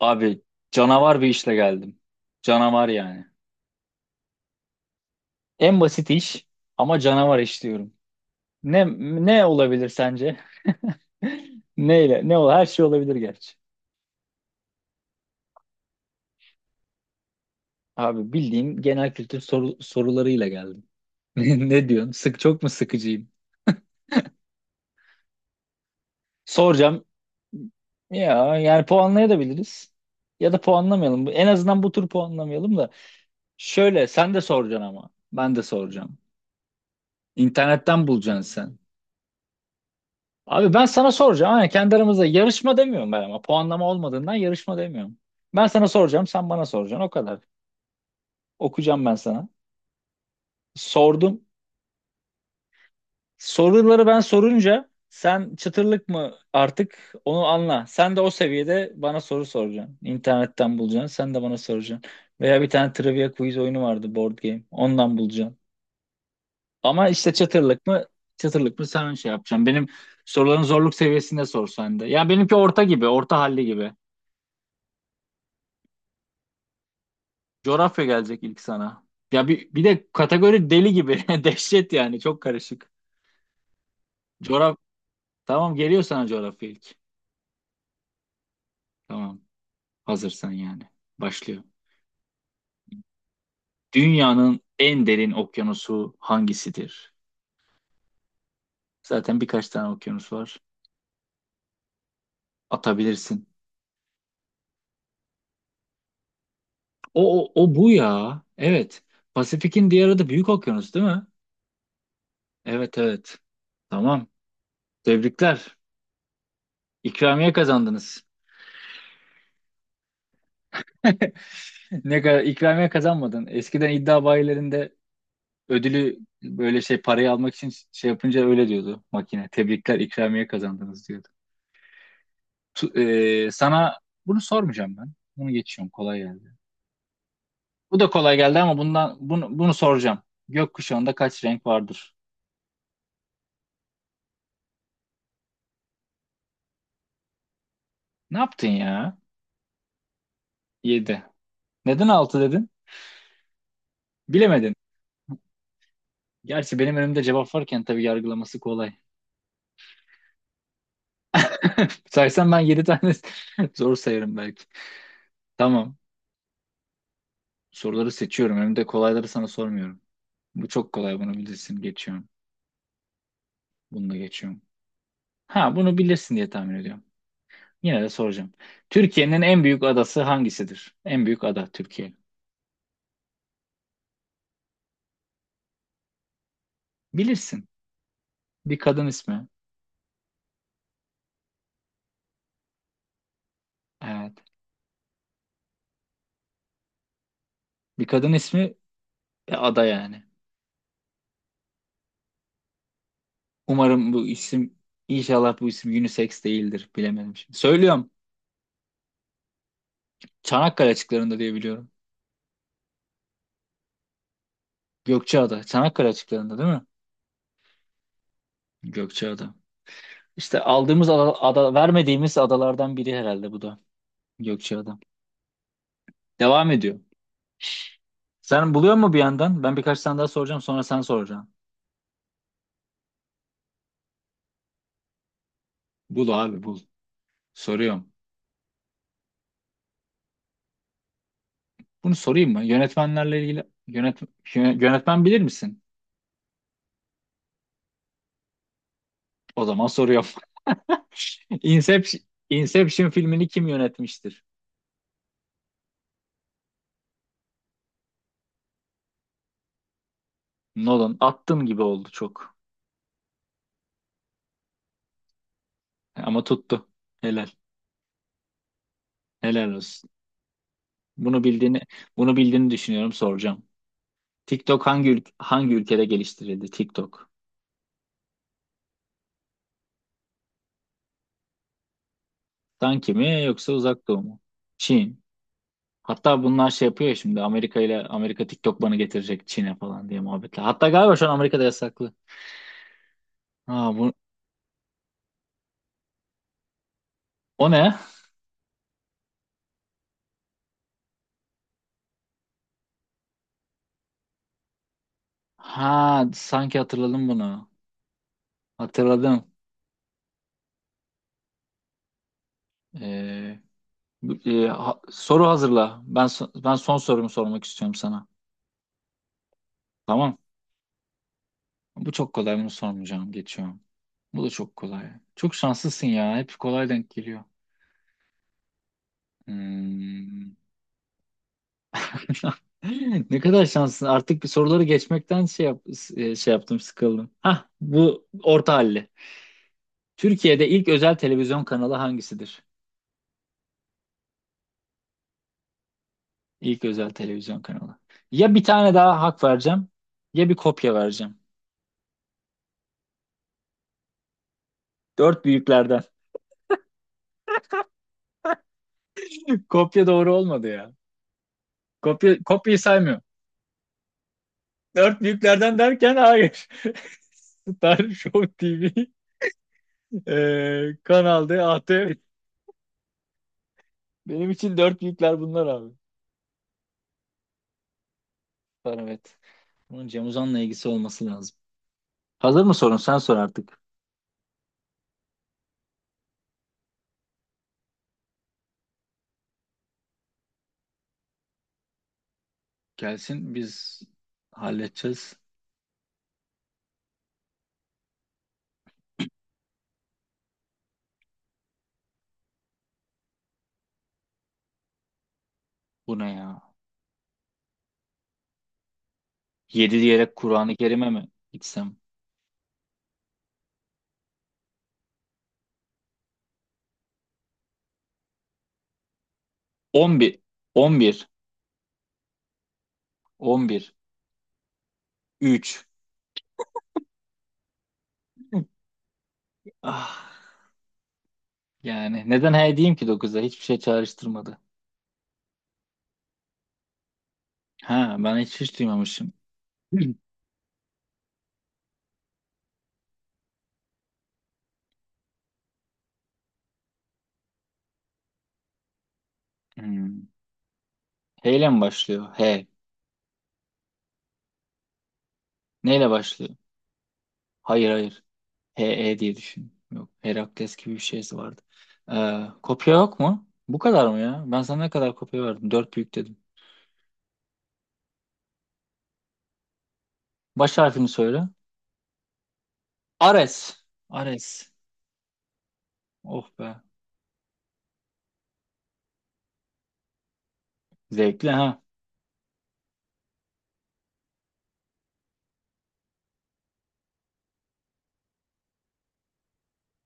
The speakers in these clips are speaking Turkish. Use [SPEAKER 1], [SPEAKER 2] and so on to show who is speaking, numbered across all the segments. [SPEAKER 1] Abi, canavar bir işle geldim. Canavar yani. En basit iş ama canavar iş diyorum. Ne ne olabilir sence? Neyle? Ne ol? Her şey olabilir gerçi. Abi, bildiğim genel kültür sorularıyla geldim. Ne diyorsun? Çok mu sıkıcıyım? Soracağım. Ya yani puanlayabiliriz. Ya da puanlamayalım. En azından bu tur puanlamayalım da. Şöyle sen de soracaksın ama. Ben de soracağım. İnternetten bulacaksın. Abi, ben sana soracağım. Aynen, kendi aramızda yarışma demiyorum ben ama. Puanlama olmadığından yarışma demiyorum. Ben sana soracağım, sen bana soracaksın. O kadar. Okuyacağım ben sana. Sordum. Soruları ben sorunca sen çıtırlık mı artık onu anla. Sen de o seviyede bana soru soracaksın. İnternetten bulacaksın. Sen de bana soracaksın. Veya bir tane trivia quiz oyunu vardı, board game. Ondan bulacaksın. Ama işte çıtırlık mı sen şey yapacaksın. Benim soruların zorluk seviyesinde sor sen de. Ya benimki orta gibi, orta halli gibi. Coğrafya gelecek ilk sana. Ya bir de kategori deli gibi. Dehşet yani. Çok karışık. Coğraf, Tamam, geliyor sana coğrafya ilk. Tamam. Hazırsan yani. Başlıyor. Dünyanın en derin okyanusu hangisidir? Zaten birkaç tane okyanus var. Atabilirsin. O bu ya. Evet. Pasifik'in diğer adı Büyük Okyanus değil mi? Evet, evet. Tamam. Tebrikler. İkramiye kazandınız. Ne kadar ikramiye kazanmadın. Eskiden iddia bayilerinde ödülü böyle şey, parayı almak için şey yapınca öyle diyordu makine. Tebrikler, ikramiye kazandınız diyordu. Tu- sana bunu sormayacağım ben. Bunu geçiyorum. Kolay geldi. Bu da kolay geldi ama bunu soracağım. Gökkuşağında kaç renk vardır? Ne yaptın ya? 7. Neden 6 dedin? Bilemedin. Gerçi benim önümde cevap varken tabii yargılaması kolay. Saysam ben 7 tane zor sayarım belki. Tamam. Soruları seçiyorum. Önümde kolayları sana sormuyorum. Bu çok kolay, bunu bilirsin. Geçiyorum. Bunu da geçiyorum. Ha, bunu bilirsin diye tahmin ediyorum. Yine de soracağım. Türkiye'nin en büyük adası hangisidir? En büyük ada, Türkiye. Bilirsin. Bir kadın ismi. Evet. Bir kadın ismi ve ada yani. Umarım bu isim inşallah bu isim unisex değildir. Bilemedim şimdi. Söylüyorum. Çanakkale açıklarında diye biliyorum. Gökçeada. Çanakkale açıklarında değil mi? Gökçeada. İşte aldığımız vermediğimiz adalardan biri herhalde bu da. Gökçeada. Devam ediyor. Sen buluyor mu bir yandan? Ben birkaç tane daha soracağım, sonra sen soracaksın. Bul abi, bul. Soruyorum. Bunu sorayım mı? Yönetmenlerle ilgili, yönetmen bilir misin? O zaman soruyorum. Inception, Inception filmini kim yönetmiştir? Nolan. Attın gibi oldu çok. Ama tuttu. Helal. Helal olsun. Bunu bildiğini Bunu bildiğini düşünüyorum, soracağım. TikTok hangi ülkede geliştirildi? TikTok. Sanki mi yoksa Uzak Doğu mu? Çin. Hatta bunlar şey yapıyor ya şimdi, Amerika ile Amerika TikTok bana getirecek Çin'e falan diye muhabbetle. Hatta galiba şu an Amerika'da yasaklı. Ha, bu o ne? Ha, sanki hatırladım bunu. Hatırladım. Ee, soru hazırla. Ben son sorumu sormak istiyorum sana. Tamam. Bu çok kolay, bunu sormayacağım. Geçiyorum. Bu da çok kolay. Çok şanslısın ya. Hep kolay denk geliyor. Hmm. Ne kadar şanslısın. Artık bir soruları geçmekten şey yaptım, sıkıldım. Hah, bu orta halli. Türkiye'de ilk özel televizyon kanalı hangisidir? İlk özel televizyon kanalı. Ya bir tane daha hak vereceğim, ya bir kopya vereceğim. Dört büyüklerden. Kopya doğru olmadı ya. Kopya, kopyayı saymıyor. Dört büyüklerden derken hayır. Star Show TV, Kanal D, ATV. Benim için dört büyükler bunlar abi. Var, evet. Bunun Cem Uzan'la ilgisi olması lazım. Hazır mı sorun? Sen sor artık. Gelsin, biz halledeceğiz. Bu ne ya? 7 diyerek Kur'an-ı Kerim'e mi gitsem? 11. 11. 11. 3. Ah, yani neden he diyeyim ki 9'a? Hiçbir şey çağrıştırmadı. Ha, ben hiç duymamışım. Hmm. H ile mi başlıyor? H. Neyle başlıyor? Hayır, hayır. HE diye düşün. Yok. Herakles gibi bir şeysi vardı. Kopya yok mu? Bu kadar mı ya? Ben sana ne kadar kopya verdim? Dört büyük dedim. Baş harfini söyle. Ares. Ares. Oh be. Zevkli ha.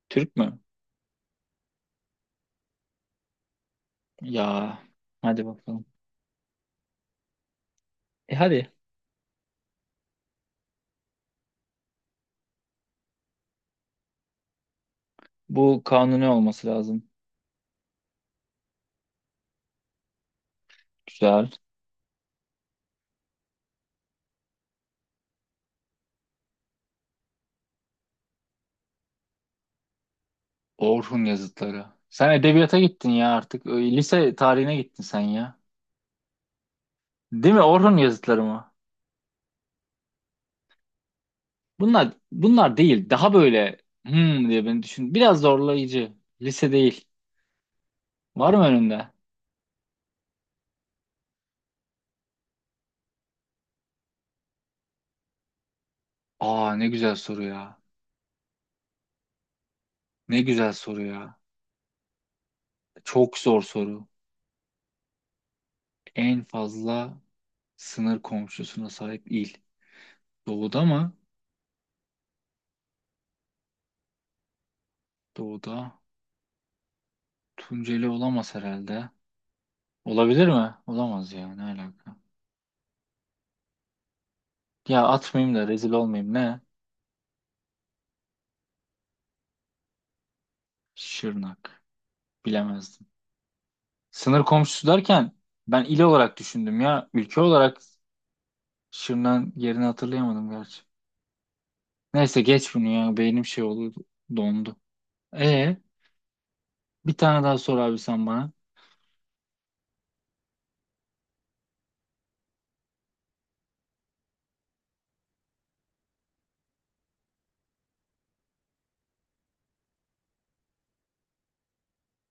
[SPEAKER 1] Türk mü? Ya. Hadi bakalım. E hadi. Bu kanuni olması lazım. Güzel. Orhun yazıtları. Sen edebiyata gittin ya artık. Lise tarihine gittin sen ya. Değil mi? Orhun yazıtları mı? Bunlar değil. Daha böyle hmm diye beni düşün. Biraz zorlayıcı. Lise değil. Var mı önünde? Aa, ne güzel soru ya. Ne güzel soru ya. Çok zor soru. En fazla sınır komşusuna sahip il. Doğuda mı? Doğuda. Tunceli olamaz herhalde. Olabilir mi? Olamaz ya. Ne alaka? Ya atmayayım da rezil olmayayım. Ne? Şırnak. Bilemezdim. Sınır komşusu derken ben il olarak düşündüm ya. Ülke olarak Şırnak'ın yerini hatırlayamadım gerçi. Neyse, geç bunu ya. Beynim şey oldu. Dondu. E, bir tane daha sor abi sen bana.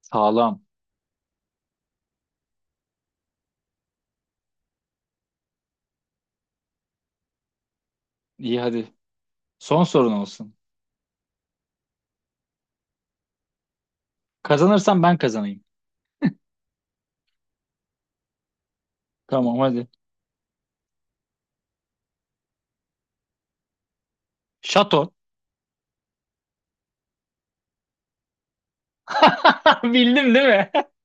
[SPEAKER 1] Sağlam. İyi, hadi. Son sorun olsun. Kazanırsam ben kazanayım. Tamam, hadi. Şato. Bildim değil mi?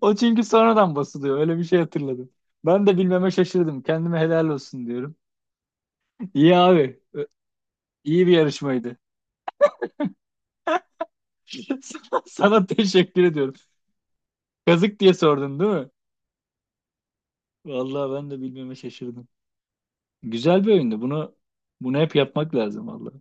[SPEAKER 1] O çünkü sonradan basılıyor. Öyle bir şey hatırladım. Ben de bilmeme şaşırdım. Kendime helal olsun diyorum. İyi abi. İyi bir yarışmaydı. Sana teşekkür ediyorum. Kazık diye sordun değil mi? Vallahi ben de bilmeme şaşırdım. Güzel bir oyundu. Bunu hep yapmak lazım valla.